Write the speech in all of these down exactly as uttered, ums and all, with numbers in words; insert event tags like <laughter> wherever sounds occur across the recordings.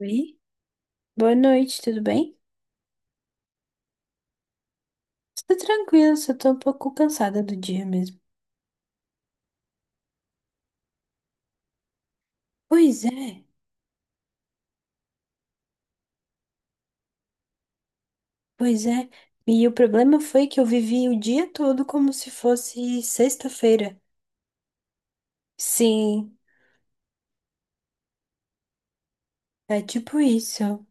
Oi, boa noite, tudo bem? Tudo tranquila, só tô um pouco cansada do dia mesmo. Pois é, pois é. E o problema foi que eu vivi o dia todo como se fosse sexta-feira. Sim, é tipo isso.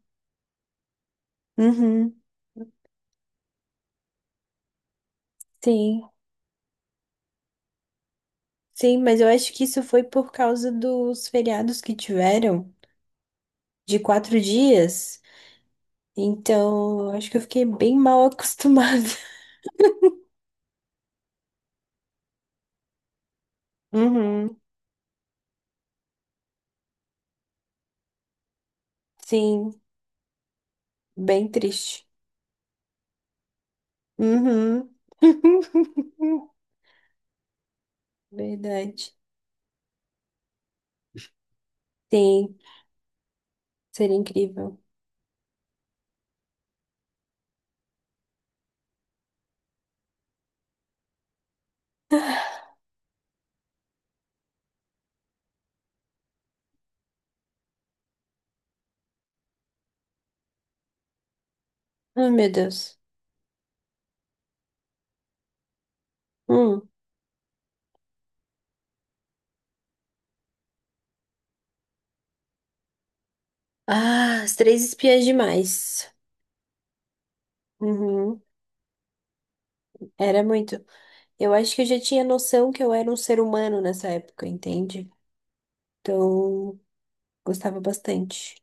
Uhum, sim, sim, mas eu acho que isso foi por causa dos feriados que tiveram, de quatro dias. Então, eu acho que eu fiquei bem mal acostumada. <laughs> Uhum, sim, bem triste. Uhum. <laughs> Verdade. Sim, seria incrível. Ah, meu Deus. Hum. Ah, as três espiãs demais. Uhum. Era muito. Eu acho que eu já tinha noção que eu era um ser humano nessa época, entende? Então, gostava bastante.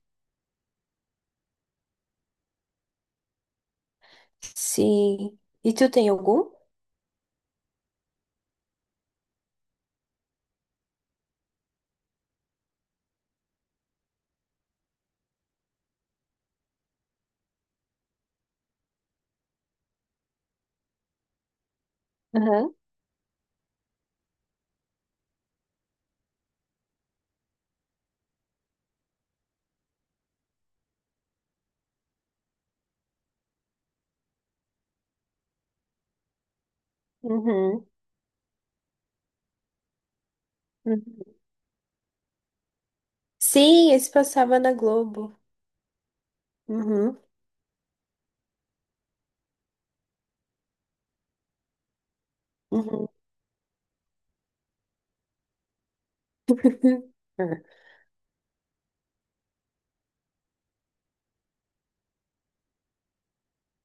Sim. E tu tem algum? Aham. Uhum. Uhum. Sim, esse passava na Globo. Uhum. Uhum. <laughs>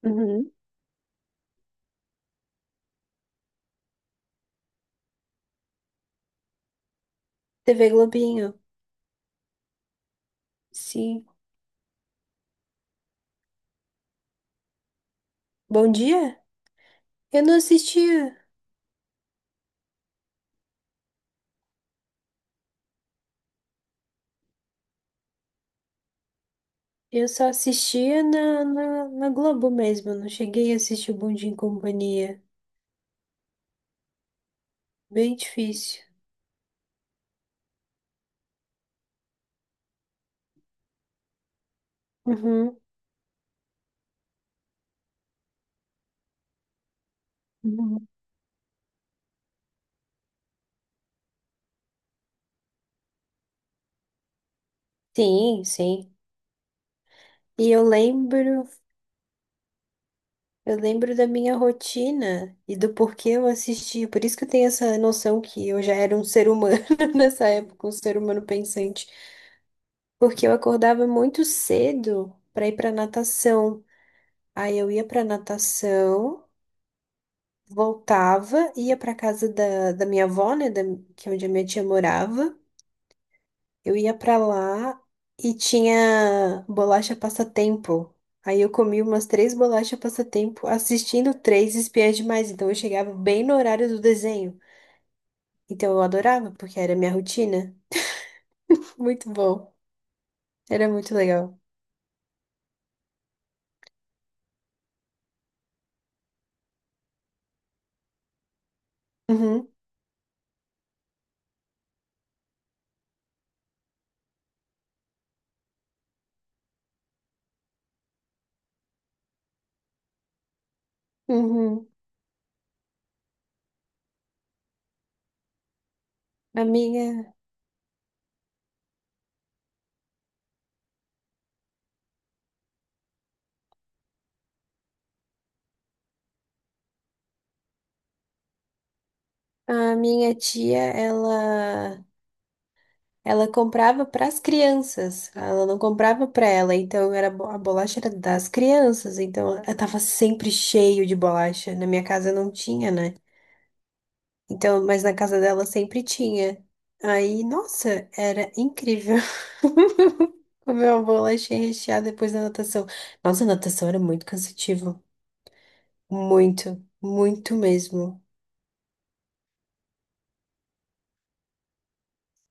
Uhum. T V Globinho. Sim. Bom dia? Eu não assistia. Eu só assistia na, na, na Globo mesmo, não cheguei a assistir o Bom Dia e Companhia. Bem difícil. Uhum. Uhum. Sim, sim. E eu lembro, eu lembro da minha rotina e do porquê eu assistia. Por isso que eu tenho essa noção que eu já era um ser humano <laughs> nessa época, um ser humano pensante. Porque eu acordava muito cedo para ir para natação. Aí eu ia para natação. Voltava, ia para casa da, da minha avó, né, da- que é onde a minha tia morava. Eu ia para lá e tinha bolacha passatempo. Aí eu comi umas três bolachas passatempo assistindo três espiãs demais. Então eu chegava bem no horário do desenho. Então eu adorava, porque era minha rotina. Muito bom. Era muito legal. Uhum, uhum. A minha, a minha tia, ela Ela comprava para as crianças, ela não comprava para ela, então era bo- a bolacha era das crianças, então eu tava sempre cheio de bolacha. Na minha casa não tinha, né? Então, mas na casa dela sempre tinha. Aí, nossa, era incrível. <laughs> Comer uma bolacha recheada depois da natação. Nossa, a natação era muito cansativo, muito, muito mesmo.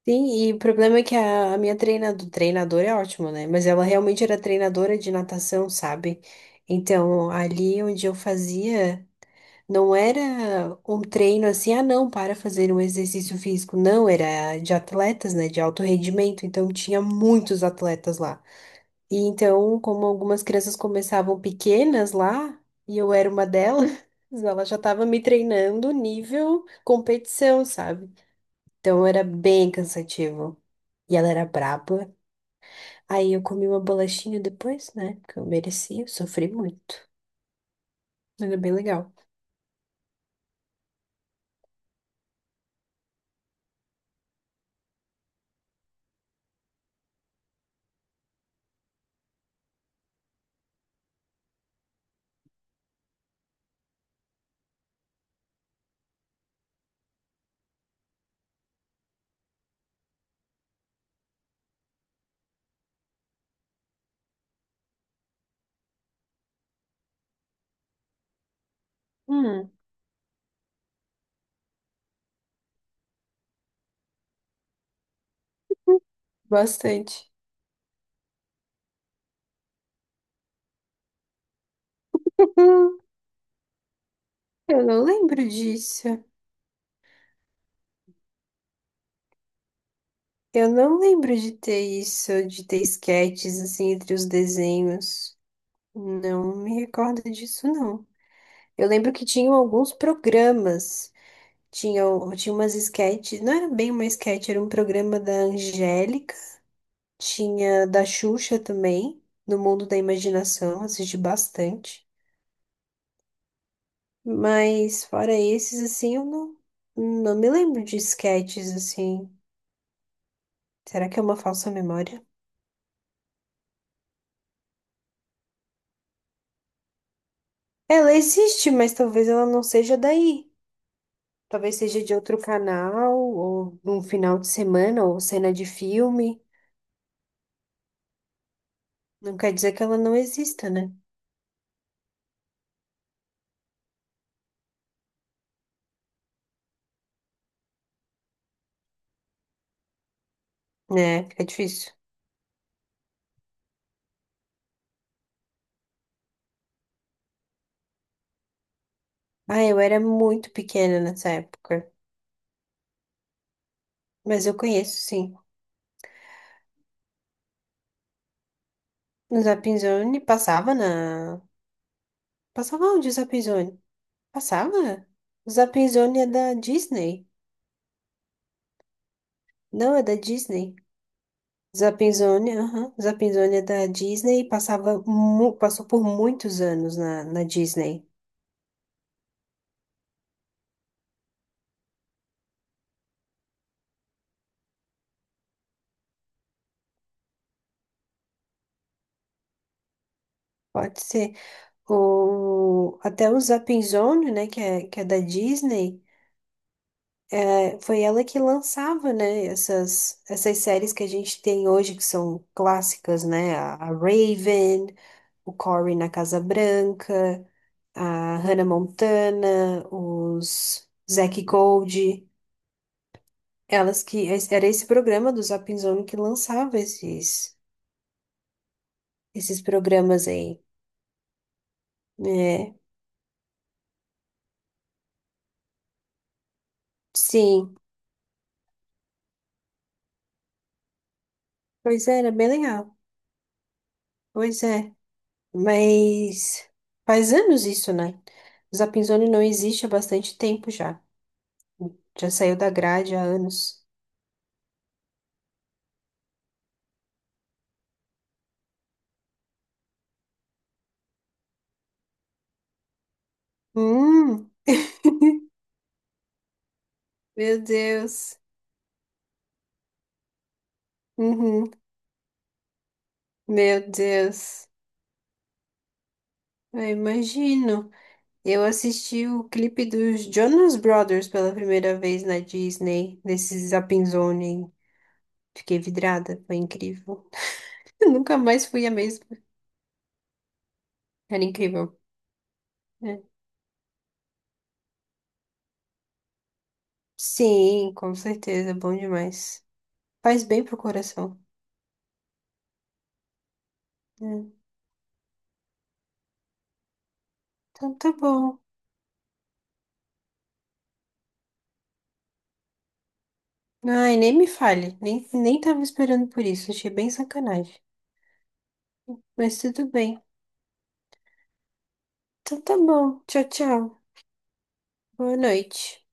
Sim, e o problema é que a, a minha treinado, treinadora é ótima, né? Mas ela realmente era treinadora de natação, sabe? Então, ali onde eu fazia, não era um treino assim, ah, não, para fazer um exercício físico. Não, era de atletas, né? De alto rendimento. Então, tinha muitos atletas lá. E então, como algumas crianças começavam pequenas lá, e eu era uma delas, <laughs> ela já estava me treinando nível competição, sabe? Então, era bem cansativo. E ela era braba. Aí eu comi uma bolachinha depois, né? Porque eu merecia, eu sofri muito. Mas é bem legal. Hum, bastante. <laughs> Hum, Eu não lembro disso. Eu não lembro de ter isso, de ter esquetes assim entre os desenhos. Não me recordo disso, não. Eu lembro que tinham alguns programas. Tinha, tinha umas esquetes. Não era bem uma esquete. Era um programa da Angélica. Tinha da Xuxa também, do Mundo da Imaginação, assisti bastante. Mas fora esses, assim, eu não, não me lembro de sketches, assim. Será que é uma falsa memória? Ela existe, mas talvez ela não seja daí. Talvez seja de outro canal, ou num final de semana, ou cena de filme. Não quer dizer que ela não exista, né? É, fica difícil. Ah, eu era muito pequena nessa época, mas eu conheço, sim. No Zapinzone passava na Passava onde o Zappzone? Passava? Zappzone é da Disney. Não, é da Disney. Zappzone, aham. Zappzone é da Disney e passava, mu- passou por muitos anos na, na Disney. Pode ser. O, até o Zappzone, né, que é, que é da Disney, é, foi ela que lançava, né, essas, essas séries que a gente tem hoje, que são clássicas, né? A a Raven, o Cory na Casa Branca, a Hannah Montana, os Zack Gold, elas que era esse programa do Zap Zone que lançava esses esses programas aí. É, sim, pois é, era bem legal. Pois é, mas faz anos isso, né? O Zap Zone não existe há bastante tempo já. Já saiu da grade há anos. Hum, meu Deus. Uhum, meu Deus. Eu imagino. Eu assisti o clipe dos Jonas Brothers pela primeira vez na Disney, nesse Zapping Zone. Fiquei vidrada, foi incrível. <laughs> Eu nunca mais fui a mesma. Era incrível. É. Sim, com certeza, bom demais. Faz bem pro coração. É. Então tá bom. Ai, nem me fale, nem, nem tava esperando por isso, achei bem sacanagem. Mas tudo bem. Então tá bom, tchau, tchau. Boa noite.